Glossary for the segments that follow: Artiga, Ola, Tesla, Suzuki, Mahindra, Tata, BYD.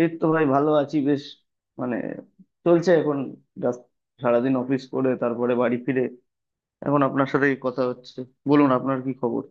এই তো ভাই, ভালো আছি বেশ। মানে, চলছে এখন। জাস্ট সারাদিন অফিস করে তারপরে বাড়ি ফিরে এখন আপনার সাথেই কথা হচ্ছে। বলুন, আপনার কি খবর?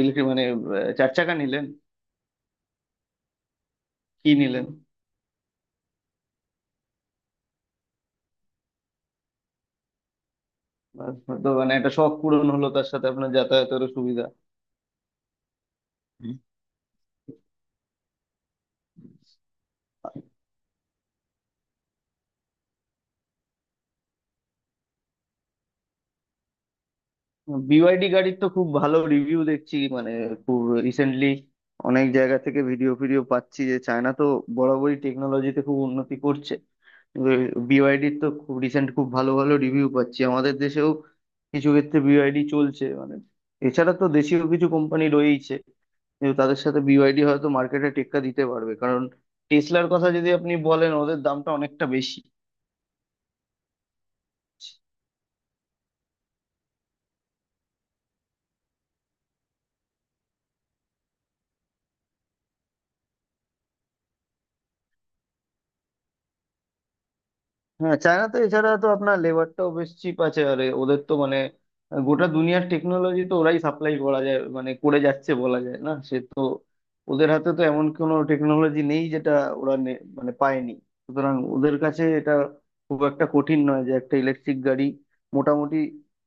ইলেকট্রিক মানে চার চাকা নিলেন? কি নিলেন? হয়তো মানে একটা শখ পূরণ হলো, তার সাথে আপনার যাতায়াতেরও সুবিধা। বিওয়াইডি গাড়ির তো খুব ভালো রিভিউ দেখছি, মানে খুব রিসেন্টলি অনেক জায়গা থেকে ভিডিও ফিডিও পাচ্ছি যে চায়না তো বরাবরই টেকনোলজিতে খুব উন্নতি করছে। বিওয়াইডির তো খুব রিসেন্ট খুব ভালো ভালো রিভিউ পাচ্ছি, আমাদের দেশেও কিছু ক্ষেত্রে বিওয়াইডি চলছে মানে। এছাড়া তো দেশীয় কিছু কোম্পানি রয়েইছে, কিন্তু তাদের সাথে বিওয়াইডি হয়তো মার্কেটে টেক্কা দিতে পারবে, কারণ টেসলার কথা যদি আপনি বলেন, ওদের দামটা অনেকটা বেশি। হ্যাঁ, চায়নাতে এছাড়া তো আপনার লেবারটাও বেশ চিপ আছে, আর ওদের তো মানে গোটা দুনিয়ার টেকনোলজি তো ওরাই সাপ্লাই করা যায়, মানে করে যাচ্ছে বলা যায়, না সে তো। ওদের হাতে তো এমন কোনো টেকনোলজি নেই যেটা ওরা মানে পায়নি। সুতরাং ওদের কাছে এটা খুব একটা কঠিন নয় যে একটা ইলেকট্রিক গাড়ি মোটামুটি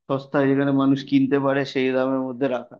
সস্তায় যেখানে মানুষ কিনতে পারে সেই দামের মধ্যে রাখা।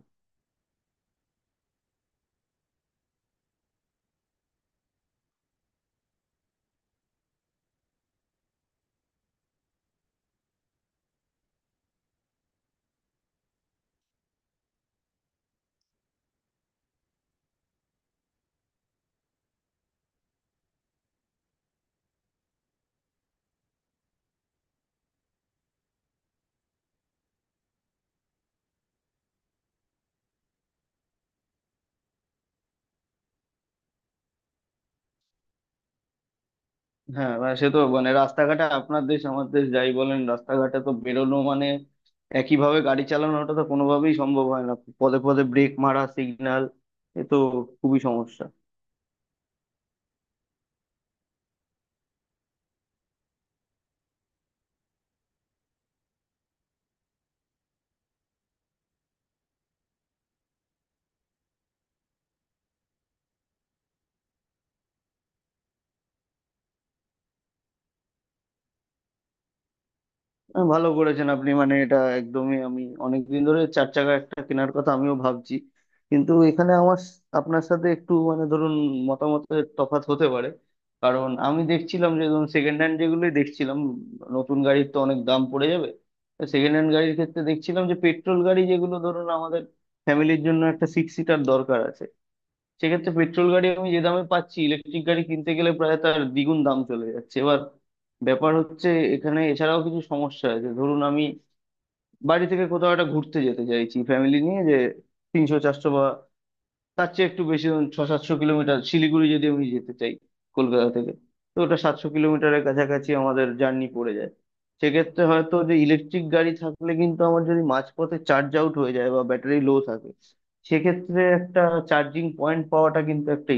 হ্যাঁ, মানে সে তো, মানে রাস্তাঘাটে আপনার দেশ আমার দেশ যাই বলেন, রাস্তাঘাটে তো বেরোনো মানে একইভাবে গাড়ি চালানোটা তো কোনোভাবেই সম্ভব হয় না। পদে পদে ব্রেক মারা, সিগন্যাল, এ তো খুবই সমস্যা। ভালো করেছেন আপনি, মানে এটা একদমই। আমি অনেকদিন ধরে চার চাকা একটা কেনার কথা আমিও ভাবছি, কিন্তু এখানে আমার আপনার সাথে একটু মানে ধরুন মতামতের তফাৎ হতে পারে। কারণ আমি দেখছিলাম যে ধরুন সেকেন্ড হ্যান্ড যেগুলোই দেখছিলাম, নতুন গাড়ির তো অনেক দাম পড়ে যাবে। সেকেন্ড হ্যান্ড গাড়ির ক্ষেত্রে দেখছিলাম যে পেট্রোল গাড়ি যেগুলো ধরুন, আমাদের ফ্যামিলির জন্য একটা সিক্স সিটার দরকার আছে, সেক্ষেত্রে পেট্রোল গাড়ি আমি যে দামে পাচ্ছি, ইলেকট্রিক গাড়ি কিনতে গেলে প্রায় তার দ্বিগুণ দাম চলে যাচ্ছে। এবার ব্যাপার হচ্ছে, এখানে এছাড়াও কিছু সমস্যা আছে। ধরুন আমি বাড়ি থেকে কোথাও একটা ঘুরতে যেতে চাইছি ফ্যামিলি নিয়ে, যে 300 400 বা তার চেয়ে একটু বেশি ধরুন 600-700 কিলোমিটার, শিলিগুড়ি যদি আমি যেতে চাই কলকাতা থেকে, তো ওটা 700 কিলোমিটারের কাছাকাছি আমাদের জার্নি পড়ে যায়। সেক্ষেত্রে হয়তো যে ইলেকট্রিক গাড়ি থাকলে, কিন্তু আমার যদি মাঝপথে চার্জ আউট হয়ে যায় বা ব্যাটারি লো থাকে, সেক্ষেত্রে একটা চার্জিং পয়েন্ট পাওয়াটা কিন্তু একটা।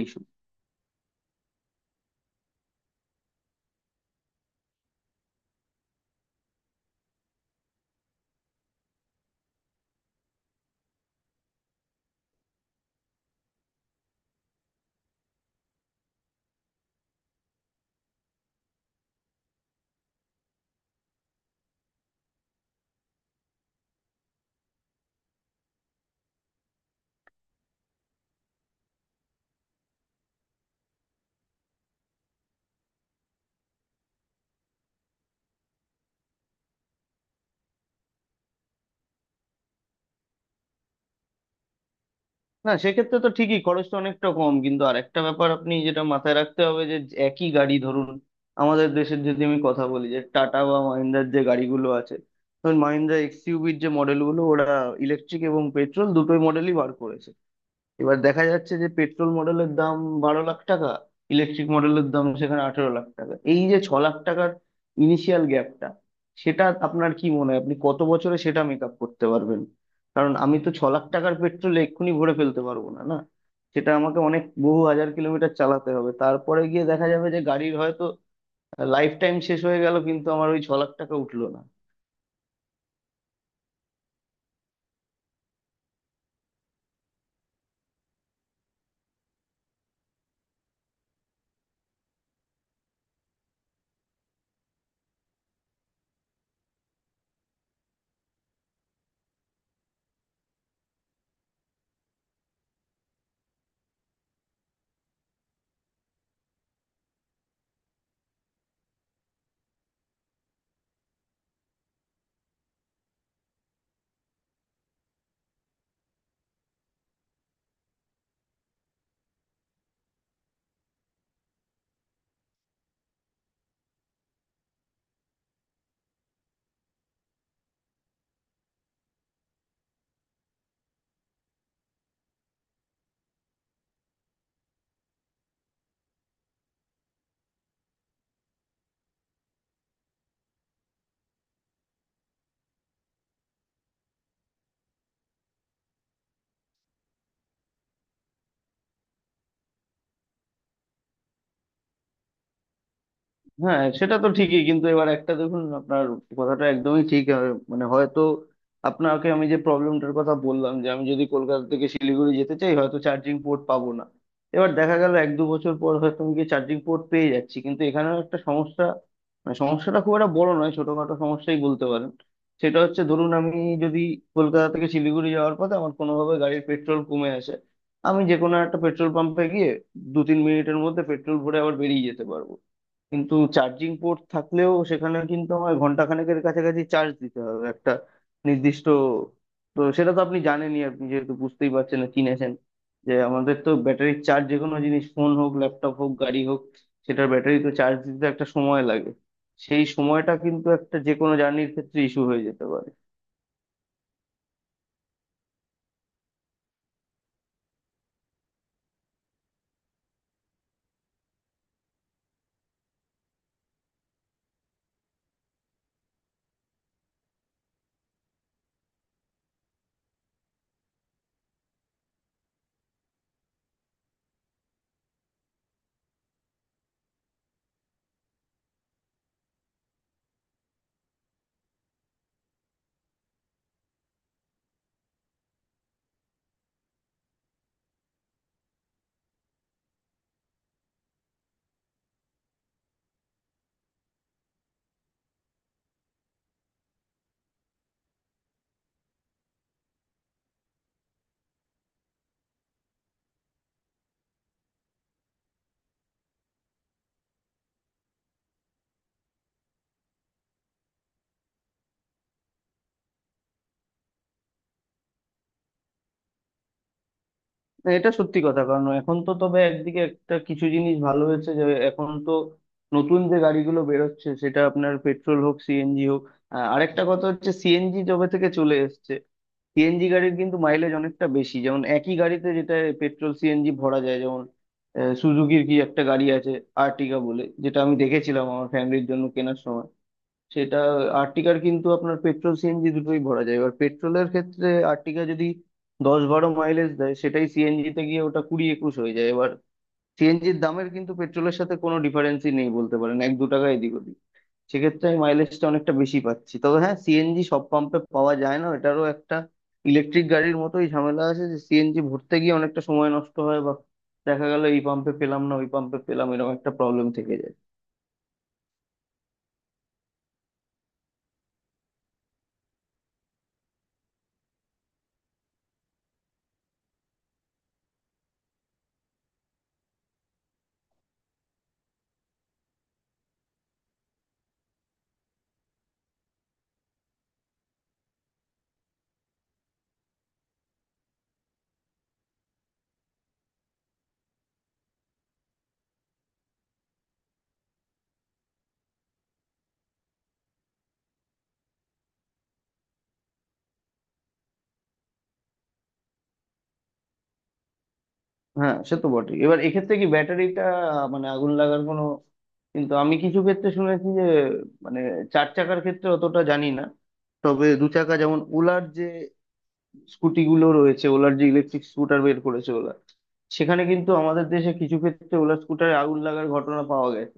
না, সেক্ষেত্রে তো ঠিকই খরচটা অনেকটা কম, কিন্তু আরেকটা ব্যাপার আপনি যেটা মাথায় রাখতে হবে, যে একই গাড়ি ধরুন, আমাদের দেশের যদি আমি কথা বলি, যে টাটা বা মাহিন্দ্রার যে গাড়িগুলো আছে, ধরুন মাহিন্দ্রা এক্সইউভির যে মডেলগুলো ওরা ইলেকট্রিক এবং পেট্রোল দুটোই মডেলই বার করেছে, এবার দেখা যাচ্ছে যে পেট্রোল মডেলের দাম 12 লাখ টাকা, ইলেকট্রিক মডেলের দাম সেখানে 18 লাখ টাকা। এই যে 6 লাখ টাকার ইনিশিয়াল গ্যাপটা, সেটা আপনার কি মনে হয়, আপনি কত বছরে সেটা মেক আপ করতে পারবেন? কারণ আমি তো 6 লাখ টাকার পেট্রোল এক্ষুনি ভরে ফেলতে পারবো না, না সেটা আমাকে অনেক বহু হাজার কিলোমিটার চালাতে হবে, তারপরে গিয়ে দেখা যাবে যে গাড়ির হয়তো লাইফ টাইম শেষ হয়ে গেল, কিন্তু আমার ওই 6 লাখ টাকা উঠলো না। হ্যাঁ সেটা তো ঠিকই, কিন্তু এবার একটা দেখুন, আপনার কথাটা একদমই ঠিক, আর মানে হয়তো আপনাকে আমি যে প্রবলেমটার কথা বললাম যে আমি যদি কলকাতা থেকে শিলিগুড়ি যেতে চাই, হয়তো চার্জিং পোর্ট পাবো না। এবার দেখা গেল 1-2 বছর পর হয়তো আমি গিয়ে চার্জিং পোর্ট পেয়ে যাচ্ছি, কিন্তু এখানেও একটা সমস্যা, মানে সমস্যাটা খুব একটা বড় নয়, ছোটখাটো সমস্যাই বলতে পারেন। সেটা হচ্ছে ধরুন আমি, যদি কলকাতা থেকে শিলিগুড়ি যাওয়ার পথে আমার কোনোভাবে গাড়ির পেট্রোল কমে আসে, আমি যে কোনো একটা পেট্রোল পাম্পে গিয়ে 2-3 মিনিটের মধ্যে পেট্রোল ভরে আবার বেরিয়ে যেতে পারবো। কিন্তু চার্জিং পোর্ট থাকলেও সেখানে কিন্তু আমার ঘন্টা খানেকের কাছাকাছি চার্জ দিতে হবে, একটা নির্দিষ্ট। তো সেটা তো আপনি জানেনই, আপনি যেহেতু বুঝতেই পারছেন, না চিনেছেন, যে আমাদের তো ব্যাটারির চার্জ, যে কোনো জিনিস, ফোন হোক, ল্যাপটপ হোক, গাড়ি হোক, সেটার ব্যাটারি তো চার্জ দিতে একটা সময় লাগে। সেই সময়টা কিন্তু একটা যে কোনো জার্নির ক্ষেত্রে ইস্যু হয়ে যেতে পারে। না, এটা সত্যি কথা, কারণ এখন তো, তবে একদিকে একটা কিছু জিনিস ভালো হয়েছে যে এখন তো নতুন যে গাড়িগুলো বেরোচ্ছে, সেটা আপনার পেট্রোল হোক সিএনজি হোক। আরেকটা কথা হচ্ছে, সিএনজি জবে থেকে চলে এসছে। সিএনজি গাড়ির কিন্তু মাইলেজ অনেকটা বেশি, যেমন একই গাড়িতে যেটা পেট্রোল সিএনজি ভরা যায়, যেমন সুজুকির কি একটা গাড়ি আছে আর্টিগা বলে, যেটা আমি দেখেছিলাম আমার ফ্যামিলির জন্য কেনার সময় সেটা। আর্টিকার কিন্তু আপনার পেট্রোল সিএনজি দুটোই ভরা যায়। এবার পেট্রোলের ক্ষেত্রে আর্টিকা যদি 10-12 মাইলেজ দেয়, সেটাই সিএনজি তে গিয়ে ওটা 20-21 হয়ে যায়। এবার সিএনজির দামের কিন্তু পেট্রোলের সাথে কোনো ডিফারেন্সই নেই বলতে পারেন, 1-2 টাকা এদিক ওদিক। সেক্ষেত্রে আমি মাইলেজটা অনেকটা বেশি পাচ্ছি। তবে হ্যাঁ, সিএনজি সব পাম্পে পাওয়া যায় না, এটারও একটা ইলেকট্রিক গাড়ির মতোই ঝামেলা আছে, যে সিএনজি ভরতে গিয়ে অনেকটা সময় নষ্ট হয়, বা দেখা গেল এই পাম্পে পেলাম না ওই পাম্পে পেলাম, এরকম একটা প্রবলেম থেকে যায়। হ্যাঁ সে তো বটে, এবার এক্ষেত্রে কি ব্যাটারিটা মানে আগুন লাগার কোনো, কিন্তু আমি কিছু ক্ষেত্রে শুনেছি যে মানে চার চাকার ক্ষেত্রে অতটা জানি না, তবে দু চাকা যেমন ওলার যে স্কুটি গুলো রয়েছে, ওলার যে ইলেকট্রিক স্কুটার বের করেছে ওলা, সেখানে কিন্তু আমাদের দেশে কিছু ক্ষেত্রে ওলার স্কুটারে আগুন লাগার ঘটনা পাওয়া গেছে।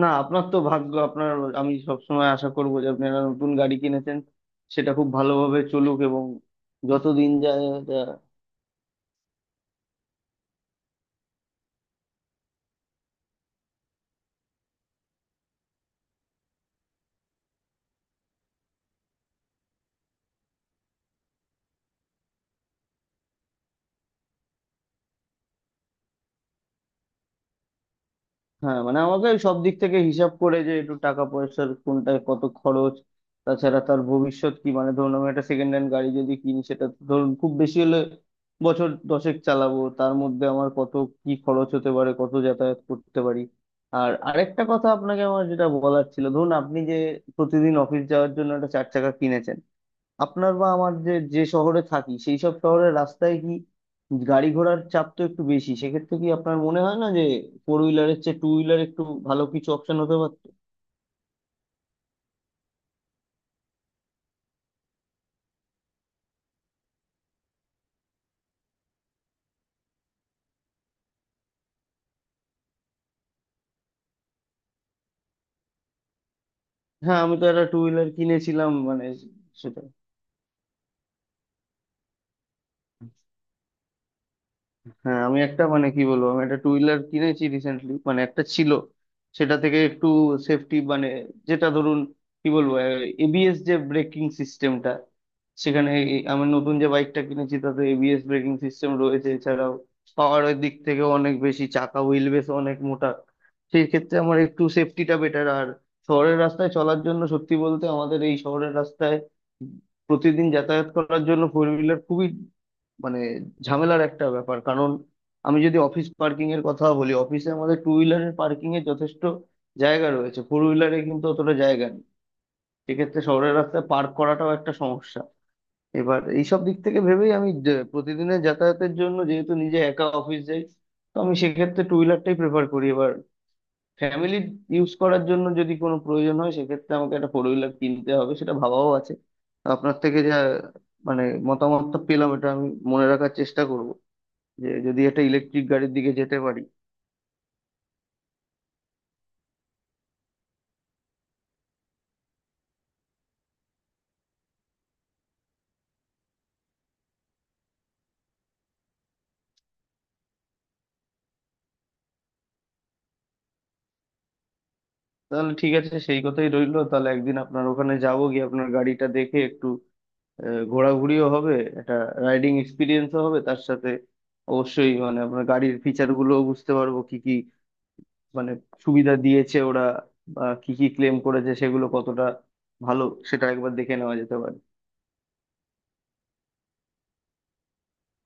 না আপনার তো ভাগ্য আপনার, আমি সবসময় আশা করবো যে আপনি একটা নতুন গাড়ি কিনেছেন, সেটা খুব ভালোভাবে চলুক, এবং যত দিন যায়। হ্যাঁ মানে আমাকে সব দিক থেকে হিসাব করে, যে একটু টাকা পয়সার কোনটায় কত খরচ, তাছাড়া তার ভবিষ্যৎ কি, মানে ধরুন আমি একটা সেকেন্ড হ্যান্ড গাড়ি যদি কিনি, সেটা তো ধরুন খুব বেশি হলে বছর দশেক চালাবো, তার মধ্যে আমার কত কি খরচ হতে পারে, কত যাতায়াত করতে পারি। আর আরেকটা কথা আপনাকে আমার যেটা বলার ছিল, ধরুন আপনি যে প্রতিদিন অফিস যাওয়ার জন্য একটা চার চাকা কিনেছেন, আপনার বা আমার যে যে শহরে থাকি, সেই সব শহরের রাস্তায় কি গাড়ি ঘোড়ার চাপ তো একটু বেশি, সেক্ষেত্রে কি আপনার মনে হয় না যে ফোর হুইলারের চেয়ে টু হুইলার একটু ভালো কিছু অপশন হতে পারতো? হ্যাঁ আমি তো একটা টু হুইলার কিনেছিলাম, মানে সেটা। হ্যাঁ আমি একটা মানে কি বলবো, আমি একটা টু হুইলার কিনেছি রিসেন্টলি, মানে একটা ছিল সেটা থেকে একটু সেফটি মানে, যেটা ধরুন, কি বলবো, এবিএস যে ব্রেকিং সিস্টেমটা, সেখানে আমার নতুন যে বাইকটা কিনেছি তাতে এবিএস ব্রেকিং সিস্টেম রয়েছে, এছাড়াও পাওয়ারের দিক থেকে অনেক বেশি, চাকা হুইল বেস অনেক মোটা, সেই ক্ষেত্রে আমার একটু সেফটিটা বেটার। আর শহরের রাস্তায় চলার জন্য সত্যি বলতে আমাদের এই শহরের রাস্তায় প্রতিদিন যাতায়াত করার জন্য ফোর হুইলার খুবই মানে ঝামেলার একটা ব্যাপার, কারণ আমি যদি অফিস পার্কিং এর কথা বলি, অফিসে আমাদের টু হুইলারের পার্কিং এর যথেষ্ট জায়গা রয়েছে, ফোর হুইলারে কিন্তু অতটা জায়গা নেই। সেক্ষেত্রে শহরের রাস্তায় পার্ক করাটাও একটা সমস্যা। এবার এইসব দিক থেকে ভেবেই আমি প্রতিদিনের যাতায়াতের জন্য যেহেতু নিজে একা অফিস যাই, তো আমি সেক্ষেত্রে টু হুইলারটাই প্রেফার করি। এবার ফ্যামিলি ইউজ করার জন্য যদি কোনো প্রয়োজন হয় সেক্ষেত্রে আমাকে একটা ফোর হুইলার কিনতে হবে, সেটা ভাবাও আছে। আপনার থেকে যা মানে মতামতটা পেলাম, এটা আমি মনে রাখার চেষ্টা করব, যে যদি একটা ইলেকট্রিক গাড়ির দিকে যেতে পারি। তাহলে ঠিক আছে, সেই কথাই রইলো। তাহলে একদিন আপনার ওখানে যাবো, গিয়ে আপনার গাড়িটা দেখে একটু ঘোরাঘুরিও হবে, একটা রাইডিং এক্সপিরিয়েন্সও হবে তার সাথে। অবশ্যই মানে আপনার গাড়ির ফিচার গুলো বুঝতে পারবো, কি কি মানে সুবিধা দিয়েছে ওরা, বা কি কি ক্লেম করেছে, সেগুলো কতটা ভালো সেটা একবার দেখে নেওয়া যেতে পারে।